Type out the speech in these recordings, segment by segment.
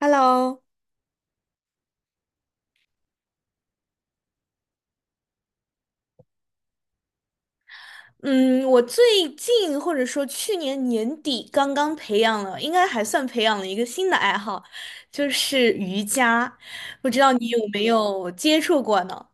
Hello，嗯，我最近或者说去年年底刚刚培养了，应该还算培养了一个新的爱好，就是瑜伽。不知道你有没有接触过呢？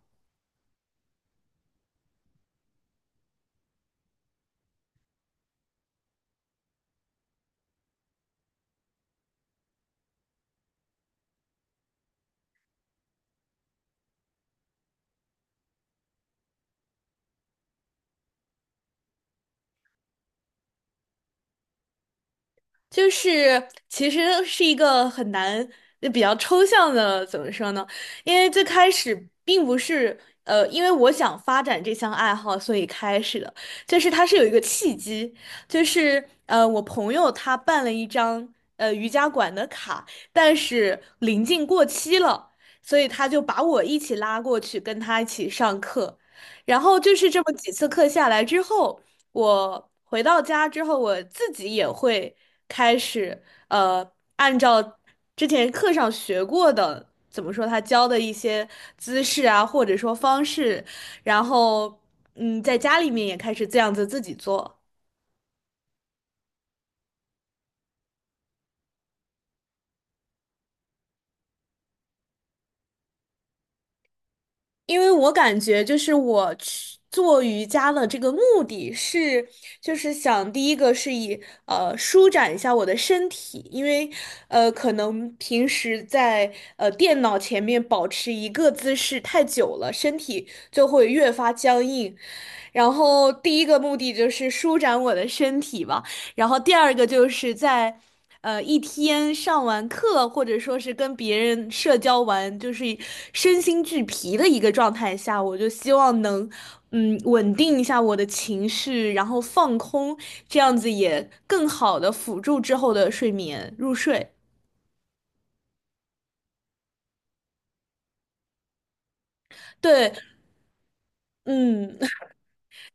就是其实是一个很难、比较抽象的，怎么说呢？因为最开始并不是因为我想发展这项爱好，所以开始的，就是它是有一个契机，就是,我朋友他办了一张瑜伽馆的卡，但是临近过期了，所以他就把我一起拉过去，跟他一起上课，然后就是这么几次课下来之后。我回到家之后，我自己也会开始呃，按照之前课上学过的，怎么说他教的一些姿势啊，或者说方式，然后嗯，在家里面也开始这样子自己做。因为我感觉就是我去做瑜伽的这个目的是，就是想第一个是以舒展一下我的身体，因为可能平时在电脑前面保持一个姿势太久了，身体就会越发僵硬。然后第一个目的就是舒展我的身体吧。然后第二个就是在一天上完课，或者说是跟别人社交完，就是身心俱疲的一个状态下，我就希望能稳定一下我的情绪，然后放空，这样子也更好的辅助之后的睡眠入睡。对，嗯，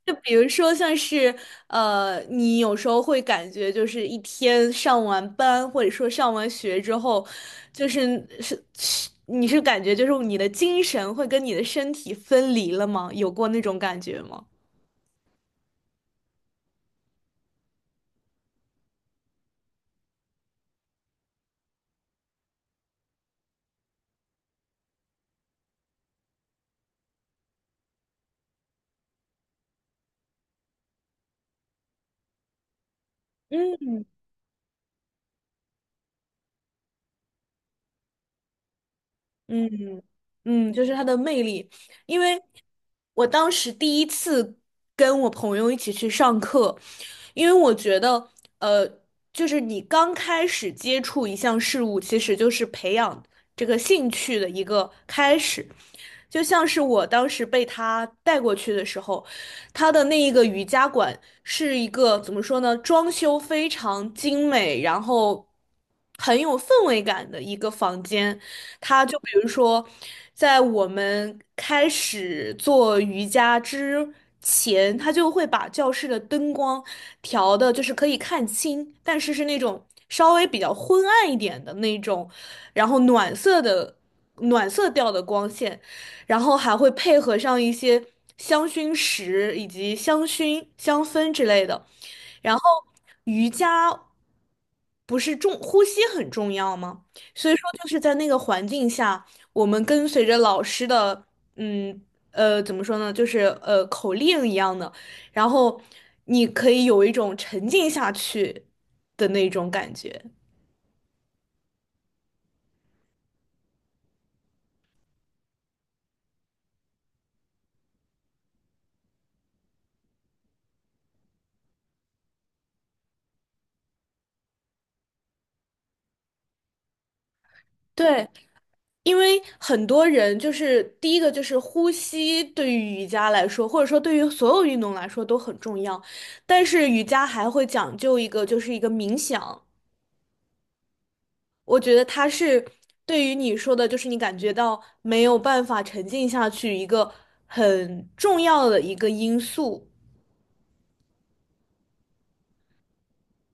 就比如说，像是你有时候会感觉就是一天上完班或者说上完学之后，就是是你是感觉就是你的精神会跟你的身体分离了吗？有过那种感觉吗？嗯，嗯嗯，就是它的魅力，因为我当时第一次跟我朋友一起去上课，因为我觉得，呃，就是你刚开始接触一项事物，其实就是培养这个兴趣的一个开始。就像是我当时被他带过去的时候，他的那一个瑜伽馆是一个怎么说呢，装修非常精美，然后很有氛围感的一个房间。他就比如说，在我们开始做瑜伽之前，他就会把教室的灯光调的，就是可以看清，但是是那种稍微比较昏暗一点的那种，然后暖色调的光线。然后还会配合上一些香薰石以及香薰、香氛之类的。然后瑜伽不是重，呼吸很重要吗？所以说就是在那个环境下，我们跟随着老师的，嗯怎么说呢，就是口令一样的，然后你可以有一种沉浸下去的那种感觉。对，因为很多人就是第一个就是呼吸，对于瑜伽来说，或者说对于所有运动来说都很重要，但是瑜伽还会讲究一个，就是一个冥想。我觉得它是对于你说的，就是你感觉到没有办法沉浸下去一个很重要的一个因素。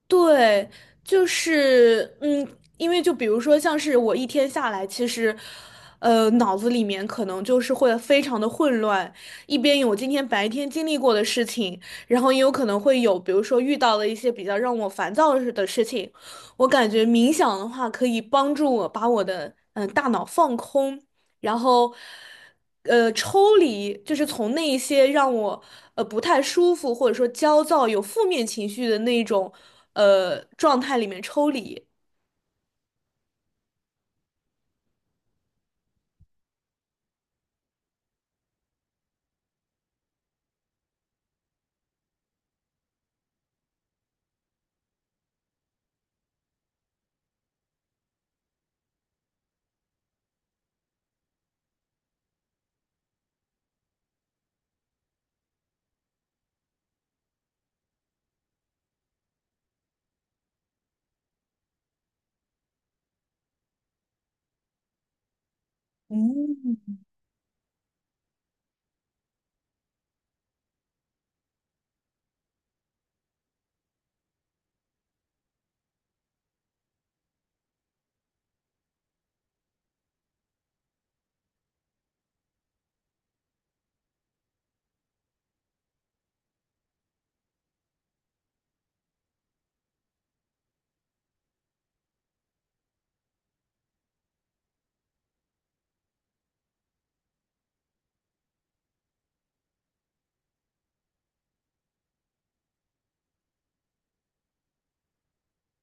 对，就是,因为就比如说，像是我一天下来，其实，脑子里面可能就是会非常的混乱，一边有今天白天经历过的事情，然后也有可能会有，比如说遇到了一些比较让我烦躁的事情。我感觉冥想的话，可以帮助我把我的大脑放空，然后，抽离就是从那一些让我不太舒服或者说焦躁、有负面情绪的那种状态里面抽离。嗯，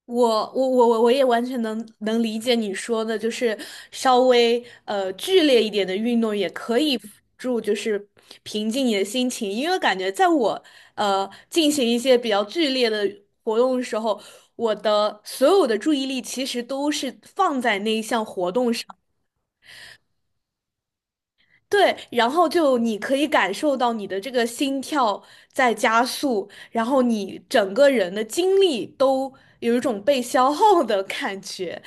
我我也完全能理解你说的，就是稍微剧烈一点的运动也可以辅助，就是平静你的心情。因为感觉在我进行一些比较剧烈的活动的时候，我的所有的注意力其实都是放在那一项活动上。对，然后就你可以感受到你的这个心跳在加速，然后你整个人的精力都有一种被消耗的感觉。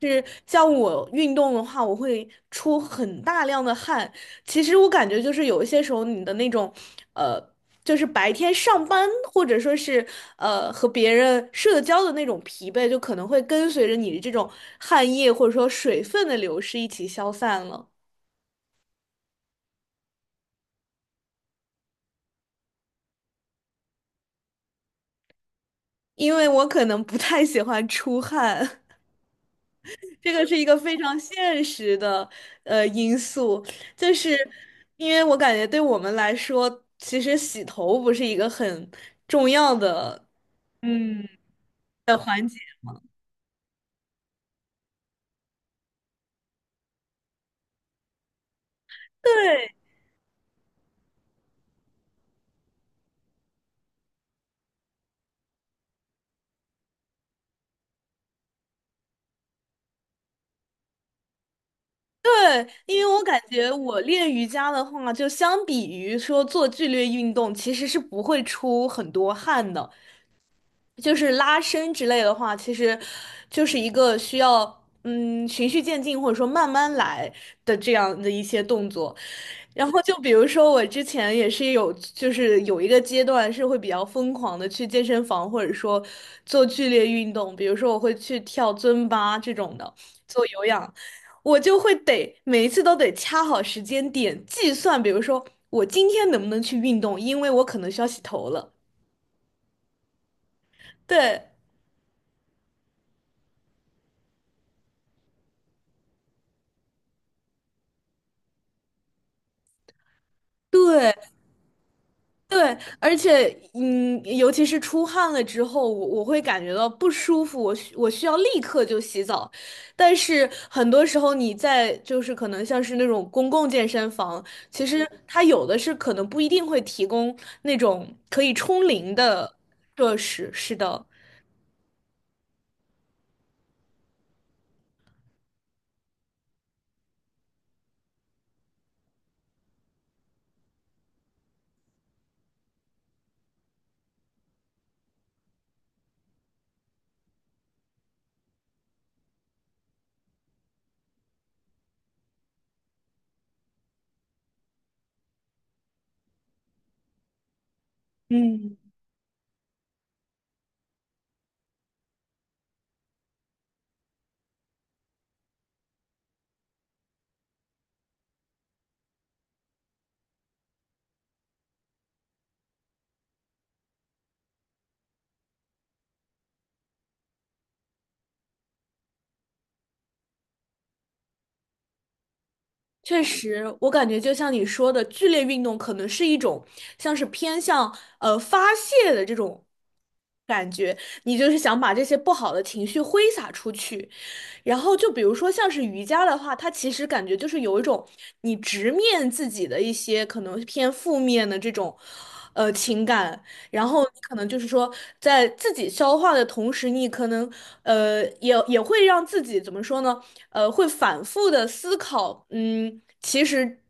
就是像我运动的话，我会出很大量的汗。其实我感觉就是有一些时候，你的那种，呃，就是白天上班或者说是和别人社交的那种疲惫，就可能会跟随着你的这种汗液或者说水分的流失一起消散了。因为我可能不太喜欢出汗。这个是一个非常现实的因素，就是因为我感觉对我们来说，其实洗头不是一个很重要的。嗯，对对，因为我感觉我练瑜伽的话，就相比于说做剧烈运动，其实是不会出很多汗的。就是拉伸之类的话，其实就是一个需要循序渐进或者说慢慢来的这样的一些动作。然后就比如说我之前也是有，就是有一个阶段是会比较疯狂的去健身房或者说做剧烈运动，比如说我会去跳尊巴这种的，做有氧，我就会得每一次都得掐好时间点计算，比如说我今天能不能去运动，因为我可能需要洗头了。对。对，对，而且，嗯，尤其是出汗了之后，我会感觉到不舒服，我需要立刻就洗澡。但是很多时候你在就是可能像是那种公共健身房，其实它有的是可能不一定会提供那种可以冲淋的设施。是的，嗯。确实，我感觉就像你说的，剧烈运动可能是一种像是偏向发泄的这种感觉，你就是想把这些不好的情绪挥洒出去。然后就比如说像是瑜伽的话，它其实感觉就是有一种你直面自己的一些可能偏负面的这种情感，然后你可能就是说，在自己消化的同时，你可能也会让自己怎么说呢？会反复的思考，嗯，其实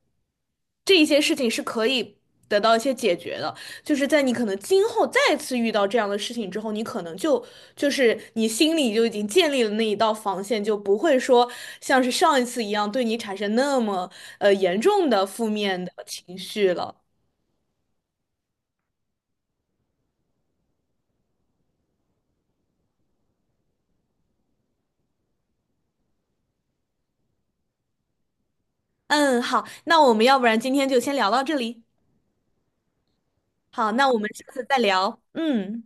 这一些事情是可以得到一些解决的。就是在你可能今后再次遇到这样的事情之后，你可能就是你心里就已经建立了那一道防线，就不会说像是上一次一样对你产生那么严重的负面的情绪了。嗯，好，那我们要不然今天就先聊到这里。好，那我们下次再聊。嗯。